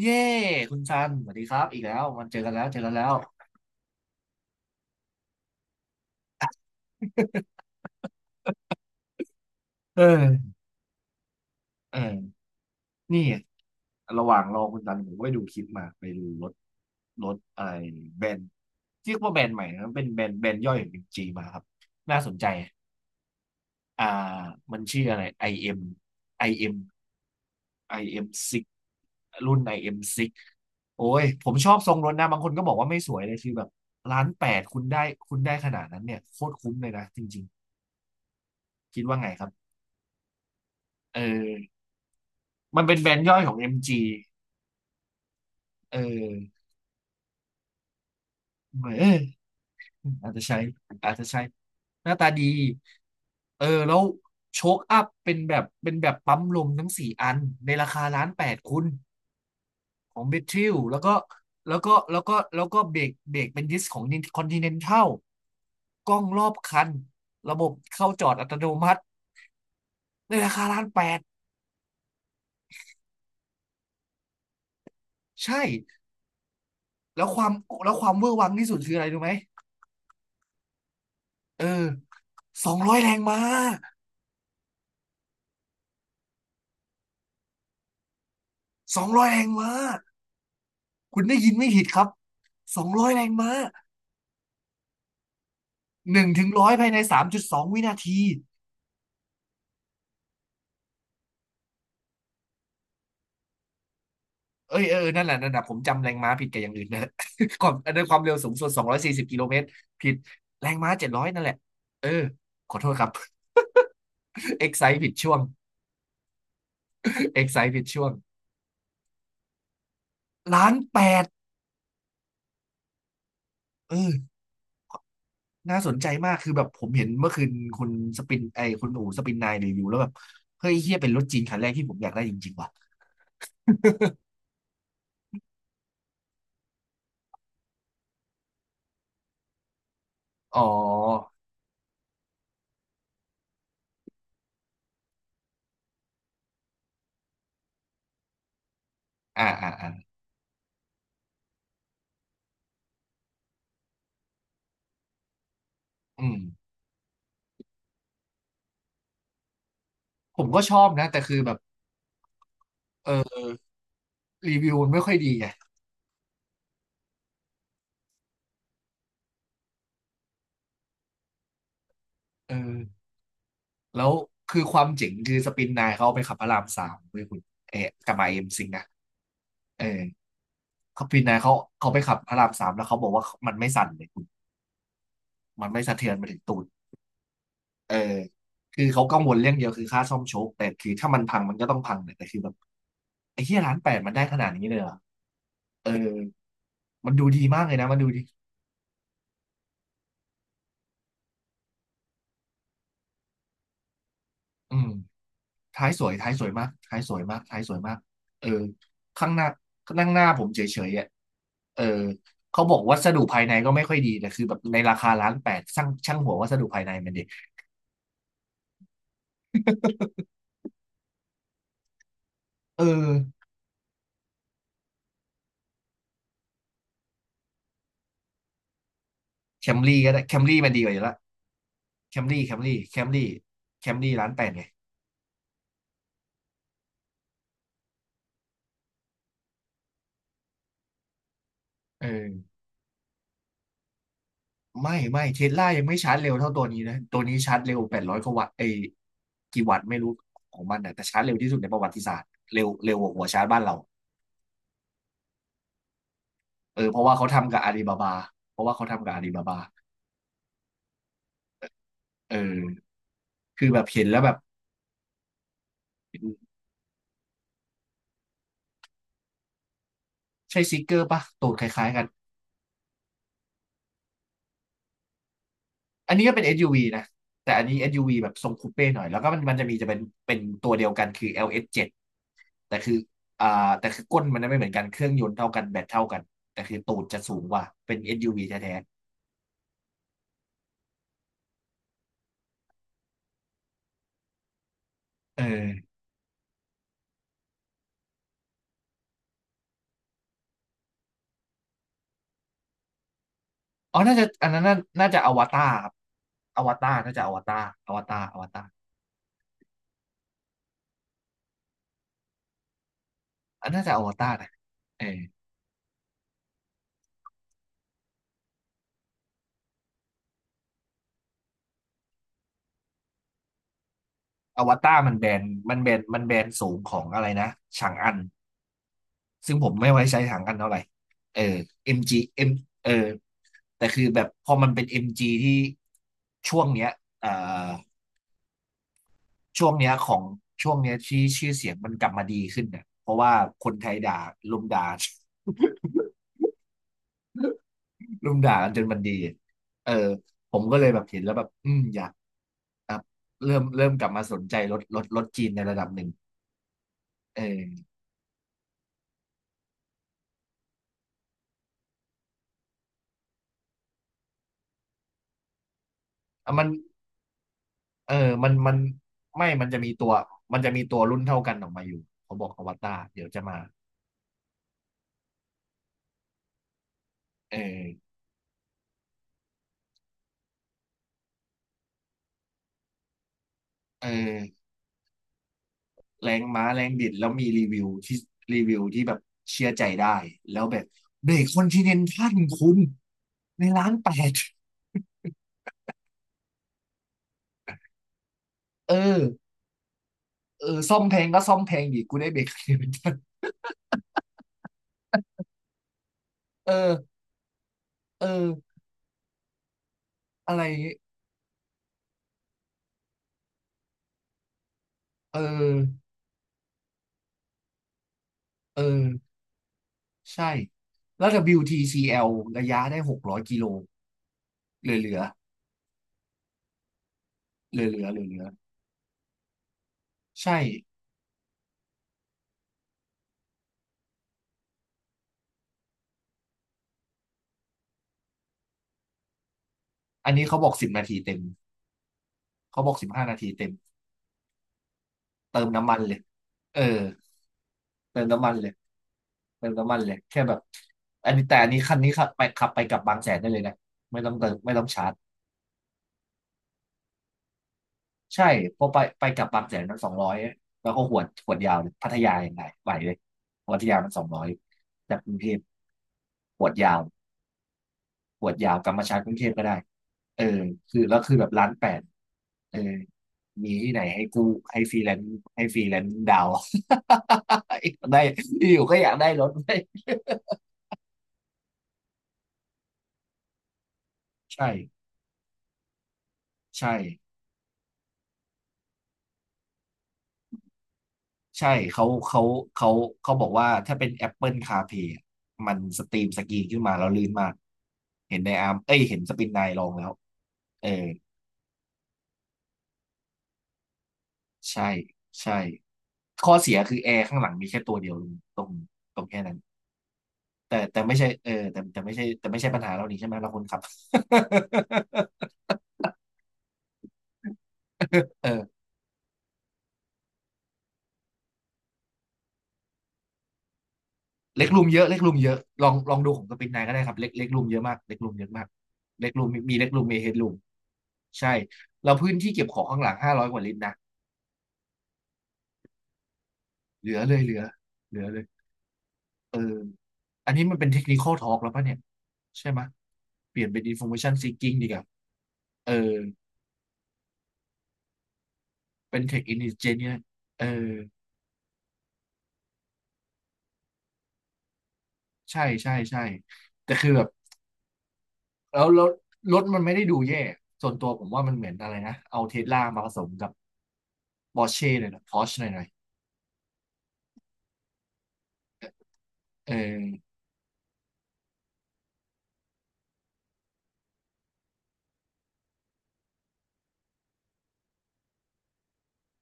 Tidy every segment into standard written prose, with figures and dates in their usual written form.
เย้คุณซันสวัสดีครับอีกแล้วมันเจอกันแล้วเจอกันแล้วเออเออนี่ระหว่างรอคุณซันผมก็ไปดูคลิปมาไปดูรถรถอะไรแบรนด์เรียกว่าแบรนด์ใหม่นะเป็นแบรนด์แบรนด์ย่อยของบีเอ็มจีมาครับน่าสนใจอ่ามันชื่ออะไร IM ็มไอเอ็มไอเอ็มซิ6รุ่น IM 6โอ้ยผมชอบทรงรถนะบางคนก็บอกว่าไม่สวยเลยคือแบบล้านแปดคุณได้คุณได้ขนาดนั้นเนี่ยโคตรคุ้มเลยนะจริงๆคิดว่าไงครับเออ มันเป็นแบรนด์ย่อยของ MG เออเหมือนเอออาจจะใช้อาจจะใช้หน้าตาดีเออแล้วโชคอัพเป็นแบบเป็นแบบปั๊มลมทั้งสี่อันในราคาล้านแปดคุณของเบทริลแล้วก็เบรกเบรกเป็นดิสของคอนติเนนทัลกล้องรอบคัน ระบบเข้าจอดอัตโนมัติในราคาล้านแปดใช่แล้วความแล้วความเวอร์วังที่สุดคืออะไรรู้ไหมเออสองร้อยแรงม้าสองร้อยแรงม้า คุณได้ยินไม่ผิดครับสองร้อยแรงม้าหนึ่งถึงร้อยภายในสามจุดสองวินาทีเอ้ยเออเออนั่นแหละนั่นแหละผมจำแรงม้าผิดกับอย่างอื่นนะ ก่อนด้นความเร็วสูงสุดสองร้อยสี่สิบกิโลเมตรผิดแรงม้าเจ็ดร้อยนั่นแหละเออขอโทษครับ เอ็กไซผิดช่วงเอ็กไซผิดช่วงล้านแปดเออน่าสนใจมากคือแบบผมเห็นเมื่อคืนคุณสปินไอคุณอู๋สปินนายรีวิวแล้วแบบเฮ้ยเฮียเป็นรถจีนคันแรกที่ผมอยากได้จริงๆว่ะอ๋ออ่าอ่าอ่าอืมผมก็ชอบนะแต่คือแบบ เออรีวิวมันไม่ค่อยดีไงเออแล้วคือความเจ๋งคือสปินนายเขาเอาไปขับพระรามสามเลยคุณเอ๊ะกลับมาเอ็มซิงนะเออเขาสปินนายเขาเขาไปขับพระรามสามแล้วเขาบอกว่ามันไม่สั่นเลยคุณมันไม่สะเทือนไปถึงตูดเออคือเขากังวลเรื่องเดียวคือค่าซ่อมโชคแต่คือถ้ามันพังมันก็ต้องพังเนี่ยแต่คือแบบไอ้เหี้ยล้านแปดมันได้ขนาดนี้เลยเหรอเออมันดูดีมากเลยนะมันดูดีอืม ท้ายสวยท้ายสวยมากท้ายสวยมากท้ายสวยมากเออข้างหน้าข้างหน้าผมเฉยๆอ่ะเออเขาบอกวัสดุภายในก็ไม่ค่อยดีแต่คือแบบในราคาล้านแปดช่างช่างหัววัสดุภายในมันดิ เออแคมรี่ก็ได้แคมรี่มันดีกว่าอยู่ละแคมรี่แคมรี่แคมรี่แคมรี่ล้านแปดไงเออไม่ไม่เทสลายังไม่ชาร์จเร็วเท่าตัวนี้นะตัวนี้ชาร์จเร็วแปดร้อยกว่าวัตต์ไอยกี่วัตต์ไม่รู้ของมันนะแต่ชาร์จเร็วที่สุดในประวัติศาสตร์เร็วเร็วกว่าหัวชาร์จบ้านเรา เออเพราะว่าเขาทำกับอาลีบาบาเพราะว่าเขาทำกับอาลีบาบาเออคือแบบเห็นแล้วแบบใช่ซิกเกอร์ปะตูดคล้ายๆกันอันนี้ก็เป็น SUV นะแต่อันนี้ SUV แบบทรงคูเป้หน่อยแล้วก็มันมันจะมีจะเป็นเป็นตัวเดียวกันคือ LS7 แต่คืออ่าแต่คือก้นมันไม่เหมือนกันเครื่องยนต์เท่ากันแบตเท่ากันแต่คือตูดจะสูงกว่าเป็น SUV แท้ๆเอออ๋อน่าจะอันนั้นน่าน่าจะอวตารครับอวตารน่าจะอวตารอวตารอวตารอันน่าจะอวตารนะเออ อวตารมันแบนมันแบนมันแบนสูงของอะไรนะฉางอันซึ่งผมไม่ไว้ใช้ฉางอันเท่าไหร่เออ MG M เออแต่คือแบบพอมันเป็น MG ที่ช่วงเนี้ยเอ่อช่วงเนี้ยของช่วงเนี้ยที่ชื่อเสียงมันกลับมาดีขึ้นเนี่ยเพราะว่าคนไทยด่าลุมด่า ลุมด่ากันจนมันดีเออผมก็เลยแบบเห็นแล้วแบบอืมอยากอ่ะเริ่มเริ่มกลับมาสนใจรถรถรถจีนในระดับหนึ่งเอออ่ะมัน เออมันไม่มันจะมีตัวมันจะมีตัวรุ่นเท่ากันออกมาอยู่เขาบอกอวตารเดี๋ยวจะมาเออเออแรงม้าแรงบิดแล้วมีรีวิวที่รีวิวที่แบบเชื่อใจได้แล้วแบบเบรกคอนติเนนทัลคุณในร้านแปดเออเออซ่อมแพงก็ซ่อมแพงอีกกูได้เบรกคอนติเนนทัลเออ เอออะไรอย่างงี้เออ เออใช่แล้วดับเบิลยูที t c l ระยะได้600 กิโลเหลือ เหลือ เหลือ เหลือเหลือเหลือใช่ อันนี้เขาบอก10 นาทีเต็มเขาบอก15 นาทีเต็มเติมน้ำมันเลยเออเติมน้ำมันเลยเติมน้ำมันเลยแค่แบบอันนี้แต่อันนี้คันนี้ขับไปขับไปกลับบางแสนได้เลยนะไม่ต้องเติมไม่ต้องชาร์จใช่เพราะไปกลับบางแสนมันสองร้อยแล้วก็หวดยาวเลยพัทยายังไงไหวเลยพัทยามันสองร้อยจากกรุงเทพหวดยาว ปวดยาวกลับมาชาร์จกรุงเทพก็ได้เออคือแบบร้านแปดเออมีที่ไหนให้กูให้ฟรีแลนซ์ให้ฟรีแลนซ์ดาว ได้อยู่ก็อยากได้รถ เว้ยใช่ใช่ใช่เขาเขาเขาบอกว่าถ้าเป็น Apple CarPlay อะมันสตรีมสกรีนขึ้นมาแล้วลื่นมากเห็นในอาร์มเอ้ยเห็นสปินไนลองแล้วเออใช่ใช่ข้อเสียคือแอร์ข้างหลังมีแค่ตัวเดียวตรงตรงแค่นั้น แต่ไม่ใช่เออแต่ไม่ใช่ไม่ใช่ปัญหาเรานี่ใช่ไหมเราคนขับ เออเล็กรูมเยอะเล็กรูมเยอะลองดูของสปินนายก็ได้ครับเล็กรูมเยอะมากเล็กรูมเยอะมากเล็กรูมมีเล็กรูมมีเฮดรูมใช่เราพื้นที่เก็บของข้างหลัง500กว่าลิตรนะเหลือเลยเหลือเลยเอออันนี้มันเป็นเทคนิคอลทอล์กแล้วป่ะเนี่ยใช่ไหมยเปลี่ยนเป็นอินโฟ m a มชันซีกิ้งดีกว่าเออเป็นเทคอินเจเนียเออใช่ใช่ใช่แต่คือแบบ แล้วรถมันไม่ได้ดูแย่ส่วนตัวผมว่ามันเหมือนอะไรนะเอาเทสลามาผสมกับปอร์เช่เลยนะพอร์ชหน่อยๆเออ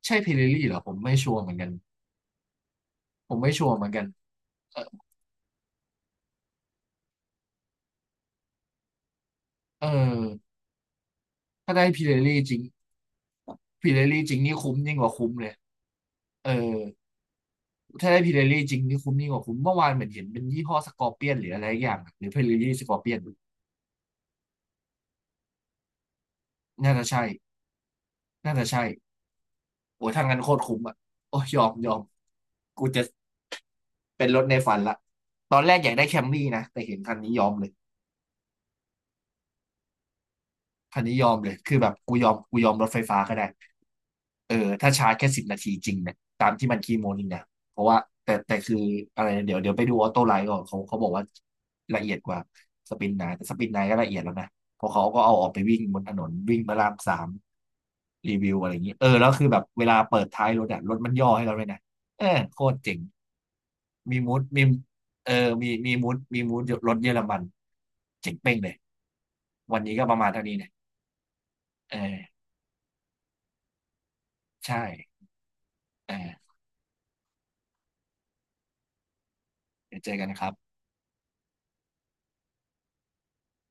ใช่พิเรลี่เหรอผมไม่ชัวร์เหมือนกันผมไม่ชัวร์เหมือนกันเออเออถ้าได้พิเรลี่จริงพิเรลี่จริงนี่คุ้มยิ่งกว่าคุ้มเลยเออถ้าได้พิเรลี่จริงนี่คุ้มยิ่งกว่าคุ้มเมื่อวานเหมือนเห็นเป็นยี่ห้อสกอร์เปียนหรืออะไรอย่างหรือพิเรลี่สกอร์เปียนน่าจะใช่น่าจะใช่โอ้ยทางนั้นโคตรคุ้มอ่ะโอ้ยยอมยอมกูจะ เป็นรถในฝันละ ตอนแรกอยากได้แคมรี่นะ แต่เห็นคันนี้ยอมเลยคันนี้ยอมเลย คือแบบกูยอมรถไฟฟ้าก็ได้เออถ้าชาร์จแค่สิบนาทีจริงเนี่ยตามที่มันคีโมนี่นะเพราะว่าแต่คืออะไรนะเดี๋ยวไปดูออโต้ไลน์ก่อนเขาบอกว่าละเอียดกว่าสปินไนแต่สปินไนก็ละเอียดแล้วนะ เพราะเขาก็เอาออกไปวิ่งบนถนนวิ่งพระรามสามรีวิวอะไรอย่างนี้เออแล้วคือแบบเวลาเปิดท้ายรถอะรถมันย่อให้เราเลยนะเออโคตรเจ๋ง มีมูดมีเออมีมูดรถเยอรมันเจ๋งเป้งเลย วันนี้ก็ประมาณเท่านี้เนี่ยเออใช่เออเดี๋ยวเจอกันนะครับ